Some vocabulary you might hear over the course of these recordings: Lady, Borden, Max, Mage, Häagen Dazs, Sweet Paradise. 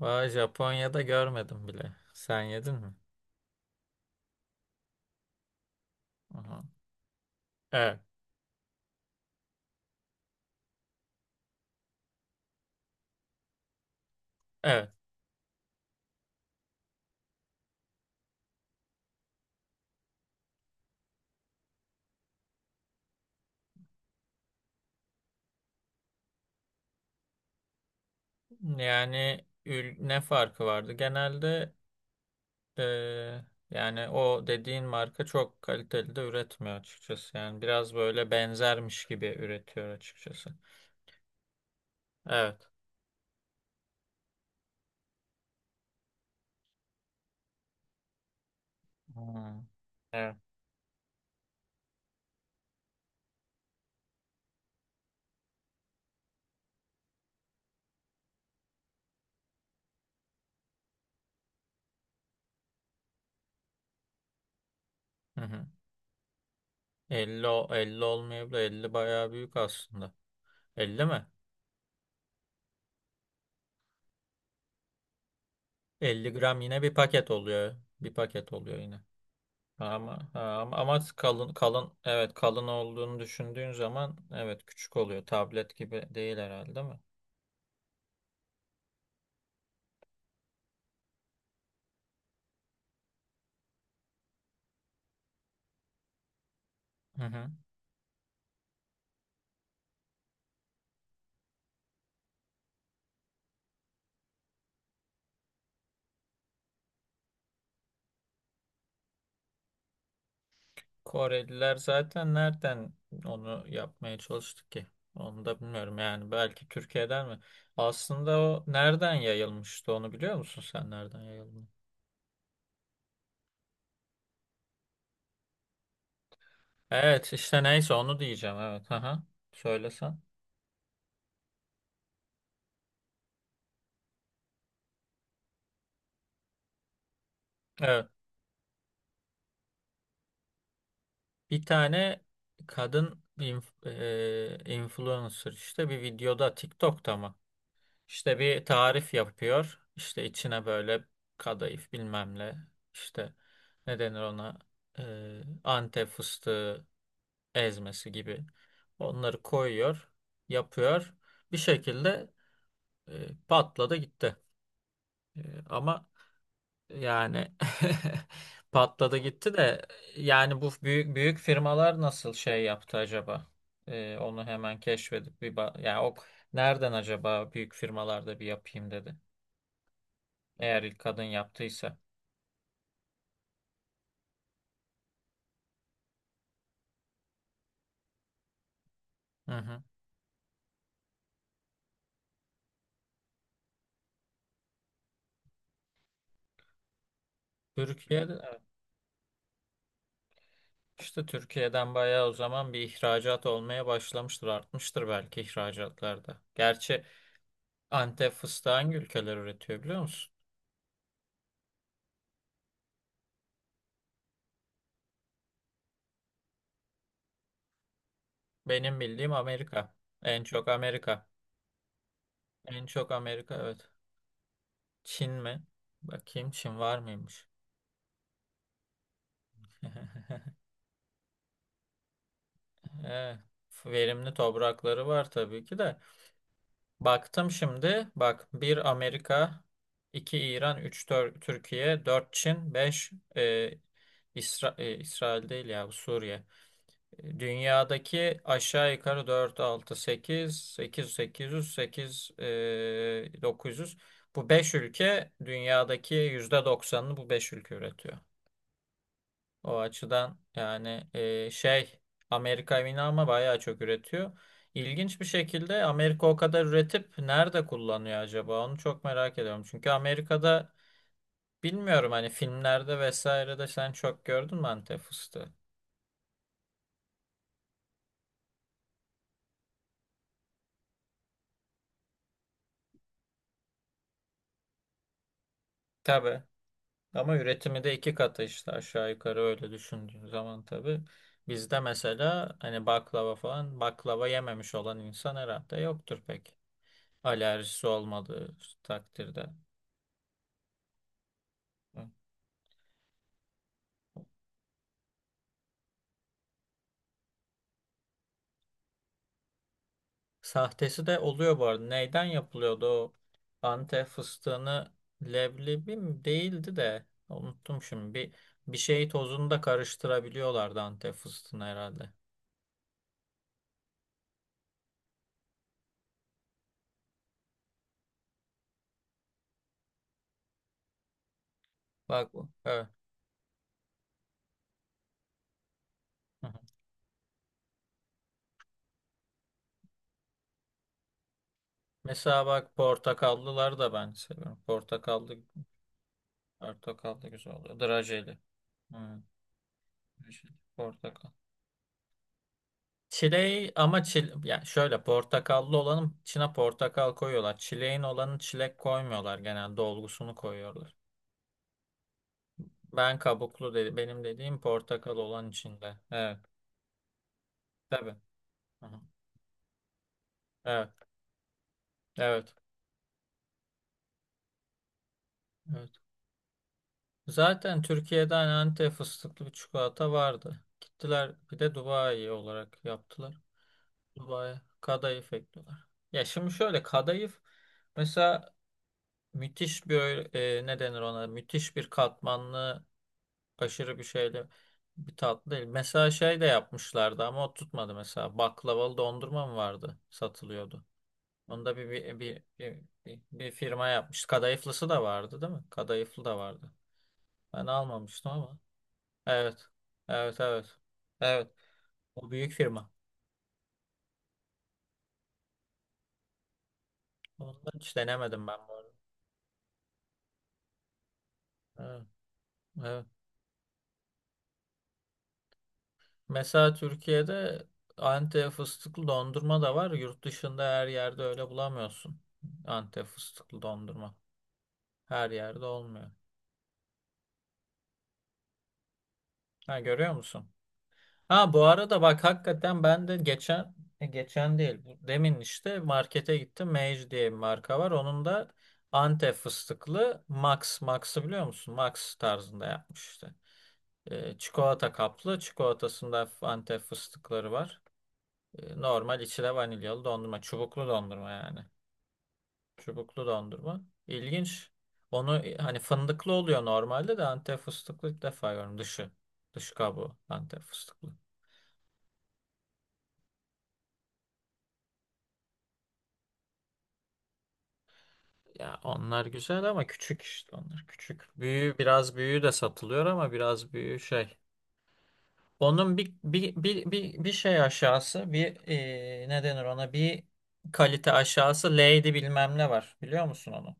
Vay Japonya'da görmedim bile. Sen yedin mi? Aha. Evet. Evet. Ne farkı vardı? Genelde e, yani o dediğin marka çok kaliteli de üretmiyor açıkçası. Yani biraz böyle benzermiş gibi üretiyor açıkçası. Evet. Hmm. Evet. Hı hı. 50, 50 olmayabilir. 50 bayağı büyük aslında. 50 mi? 50 gram yine bir paket oluyor. Bir paket oluyor yine. Ama, ha, ama ama kalın kalın, evet, kalın olduğunu düşündüğün zaman evet küçük oluyor. Tablet gibi değil herhalde, değil mi? Hı hı. Koreliler zaten nereden onu yapmaya çalıştı ki? Onu da bilmiyorum, yani belki Türkiye'den mi? Aslında o nereden yayılmıştı, onu biliyor musun, sen nereden yayılmış? Evet işte neyse onu diyeceğim, evet. Aha, söylesen. Evet, bir tane kadın influencer işte, bir videoda, TikTok'ta mı? İşte bir tarif yapıyor. İşte içine böyle kadayıf bilmem ne. İşte ne denir ona, Antep fıstığı ezmesi gibi. Onları koyuyor, yapıyor. Bir şekilde patladı gitti. E, ama yani patladı gitti de, yani bu büyük büyük firmalar nasıl şey yaptı acaba? Onu hemen keşfedip yani o nereden acaba büyük firmalarda bir yapayım dedi. Eğer ilk kadın yaptıysa. Hı hı. Türkiye'de evet. işte Türkiye'den bayağı o zaman bir ihracat olmaya başlamıştır, artmıştır belki ihracatlarda. Gerçi Antep fıstığı hangi ülkeler üretiyor biliyor musun? Benim bildiğim Amerika. En çok Amerika. En çok Amerika, evet. Çin mi? Bakayım Çin var mıymış? Evet. Verimli toprakları var tabii ki de. Baktım şimdi. Bak, bir Amerika, 2 İran, üç dört Türkiye, dört Çin, 5 İsrail değil ya, bu Suriye. Dünyadaki aşağı yukarı dört altı sekiz sekiz sekiz yüz sekiz 900. Bu 5 ülke dünyadaki %90'ını, bu 5 ülke üretiyor. O açıdan yani Amerika yine ama bayağı çok üretiyor. İlginç bir şekilde Amerika o kadar üretip nerede kullanıyor acaba? Onu çok merak ediyorum. Çünkü Amerika'da bilmiyorum, hani filmlerde vesaire de sen çok gördün mü Antep fıstığı? Tabii. Ama üretimi de iki katı işte, aşağı yukarı öyle düşündüğün zaman tabii. Bizde mesela hani baklava falan, baklava yememiş olan insan herhalde yoktur pek. Alerjisi olmadığı takdirde. Sahtesi de oluyor bu arada. Neyden yapılıyordu o Antep fıstığını, leblebi mi değildi de unuttum şimdi. Bir şey tozunu da karıştırabiliyorlardı Antep fıstığını herhalde. Bak bu. Evet. Hı hı. Mesela bak, portakallıları da ben seviyorum. Portakallı güzel oluyor. Drajeli. Hı, drajeli. Portakal. Çileği ama yani şöyle portakallı olanın içine portakal koyuyorlar. Çileğin olanı çilek koymuyorlar, genelde dolgusunu koyuyorlar. Ben kabuklu dedi. Benim dediğim portakal olan içinde. Evet. Tabii. Hı-hı. Evet. Evet. Evet. Zaten Türkiye'den Antep fıstıklı bir çikolata vardı. Gittiler bir de Dubai olarak yaptılar. Dubai kadayıf ekliyorlar. Ya şimdi şöyle kadayıf mesela müthiş bir ne denir ona? Müthiş bir katmanlı, aşırı bir şeyle bir tatlı değil. Mesela şey de yapmışlardı ama o tutmadı mesela. Baklavalı dondurma mı vardı? Satılıyordu. Onda bir firma yapmış. Kadayıflısı da vardı değil mi? Kadayıflı da vardı. Ben almamıştım ama. Evet. Evet evet. Evet. O büyük firma. Ondan hiç denemedim ben bu arada. Evet. Evet. Mesela Türkiye'de Antep fıstıklı dondurma da var. Yurt dışında her yerde öyle bulamıyorsun. Antep fıstıklı dondurma. Her yerde olmuyor. Ha, görüyor musun? Ha bu arada bak, hakikaten ben de geçen geçen değil, demin işte markete gittim. Mage diye bir marka var. Onun da Antep fıstıklı Max Max'ı biliyor musun? Max tarzında yapmış işte. Çikolata kaplı. Çikolatasında hafif Antep fıstıkları var. Normal içi de vanilyalı dondurma. Çubuklu dondurma yani. Çubuklu dondurma. İlginç. Onu hani fındıklı oluyor normalde de Antep fıstıklı ilk defa görüyorum. Dışı. Dış kabuğu Antep fıstıklı. Ya onlar güzel ama küçük, işte onlar küçük. Büyüğü, biraz büyüğü de satılıyor ama biraz büyüğü şey. Onun bir şey aşağısı bir ne denir ona, bir kalite aşağısı Lady bilmem ne var. Biliyor musun onu?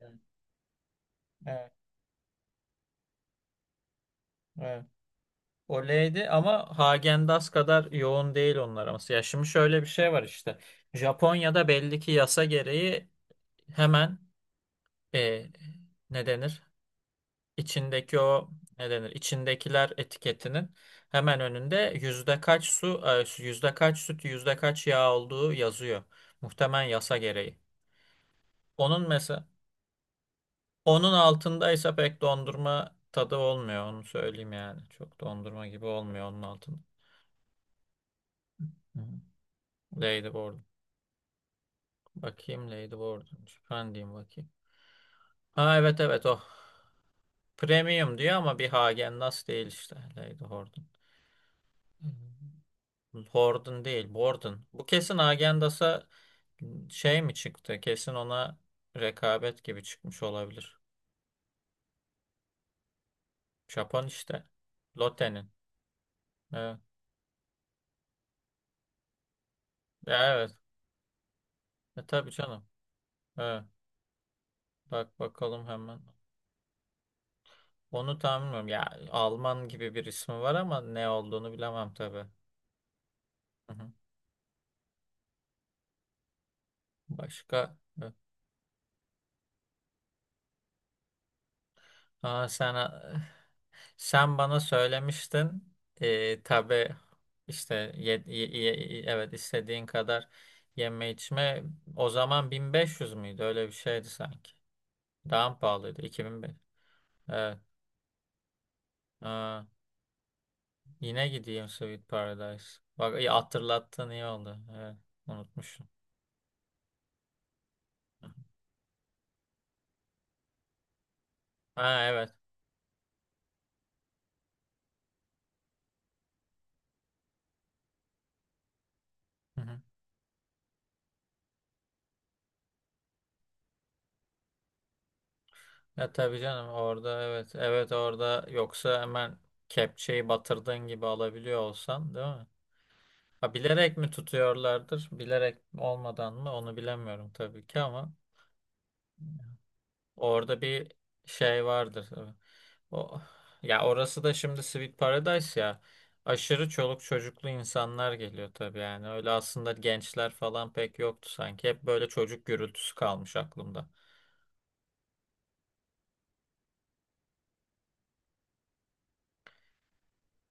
Evet. Evet. Evet. O Lady ama Häagen Dazs kadar yoğun değil onlar ama. Ya şimdi şöyle bir şey var işte. Japonya'da belli ki yasa gereği hemen eee ne denir? İçindeki o ne denir, İçindekiler etiketinin hemen önünde yüzde kaç su, yüzde kaç süt, yüzde kaç yağ olduğu yazıyor. Muhtemelen yasa gereği. Onun mesela, onun altındaysa pek dondurma tadı olmuyor, onu söyleyeyim yani. Çok dondurma gibi olmuyor onun altında. Hı hı. Ladyboard. Bakayım Ladyboard. Ben diyeyim bakayım. Ha evet evet, o. Premium diyor ama bir Hagen Dazs değil işte, Lady Horton. Horton değil, Borden. Bu kesin Agendas'a şey mi çıktı? Kesin ona rekabet gibi çıkmış olabilir. Japon işte. Lotte'nin. Evet. Ya evet. E tabii canım. Evet. Bak bakalım hemen. Onu tahmin etmiyorum. Ya Alman gibi bir ismi var ama ne olduğunu bilemem tabii. Hı hı. Başka. Evet. Aa sen, sen bana söylemiştin. Tabii işte evet istediğin kadar yeme içme. O zaman 1500 müydü? Öyle bir şeydi sanki. Daha mı pahalıydı? 2005. Evet. Aa, yine gideyim Sweet Paradise. Bak iyi hatırlattın, iyi oldu. Evet, unutmuşum. Ha evet. Hı-hı. Ya tabii canım orada, evet. Evet orada, yoksa hemen kepçeyi batırdığın gibi alabiliyor olsan, değil mi? Ha, bilerek mi tutuyorlardır, bilerek olmadan mı, onu bilemiyorum tabii ki ama orada bir şey vardır tabii. O, ya orası da şimdi Sweet Paradise ya, aşırı çoluk çocuklu insanlar geliyor tabii, yani öyle aslında gençler falan pek yoktu sanki, hep böyle çocuk gürültüsü kalmış aklımda.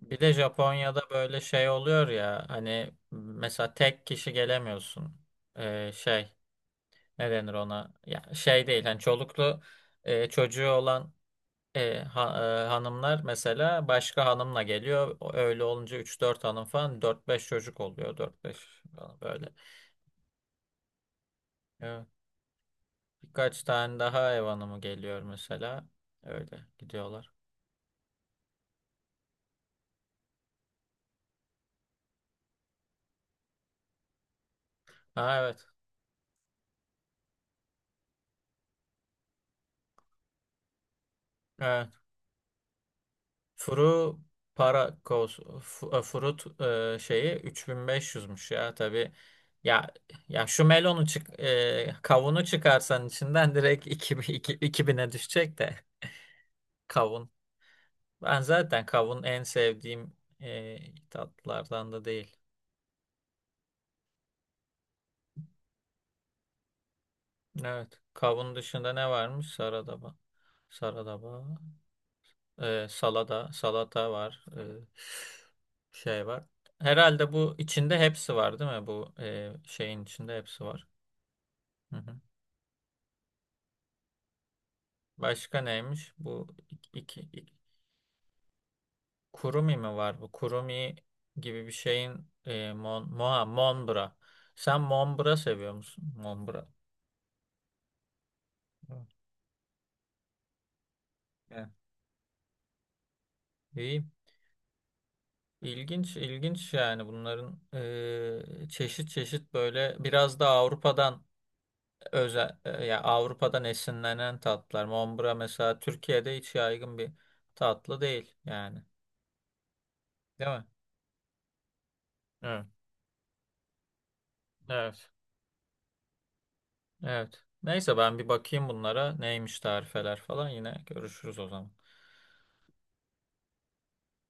Bir de Japonya'da böyle şey oluyor ya, hani mesela tek kişi gelemiyorsun. Ee, şey ne denir ona, ya şey değil, hani çoluklu çocuğu olan hanımlar mesela başka hanımla geliyor. Öyle olunca üç dört hanım falan, dört beş çocuk oluyor. Dört beş falan böyle. Evet. Birkaç tane daha ev hanımı geliyor mesela. Öyle gidiyorlar. Ha evet. Evet. Furu para kos fu- e, furut e, Şeyi 3500'müş ya tabii. Ya ya şu melonu kavunu çıkarsan içinden direkt iki bine düşecek de, kavun. Ben zaten kavun en sevdiğim e, tatlılardan da değil. Evet. Kavun dışında ne varmış? Saradaba. Saradaba. Salada. Salata var. Şey var. Herhalde bu içinde hepsi var değil mi? Bu şeyin içinde hepsi var. Hı hı. Başka neymiş? Bu iki, iki, iki- kurumi mi var bu? Kurumi gibi bir şeyin monbra. Sen monbra seviyor musun? Monbra. Evet. Evet. İyi. İlginç, ilginç yani bunların çeşit çeşit böyle, biraz da Avrupa'dan özel ya Avrupa'dan esinlenen tatlar. Mombra mesela Türkiye'de hiç yaygın bir tatlı değil yani. Değil mi? Evet. Evet. Evet. Neyse ben bir bakayım bunlara neymiş tarifeler falan, yine görüşürüz o zaman.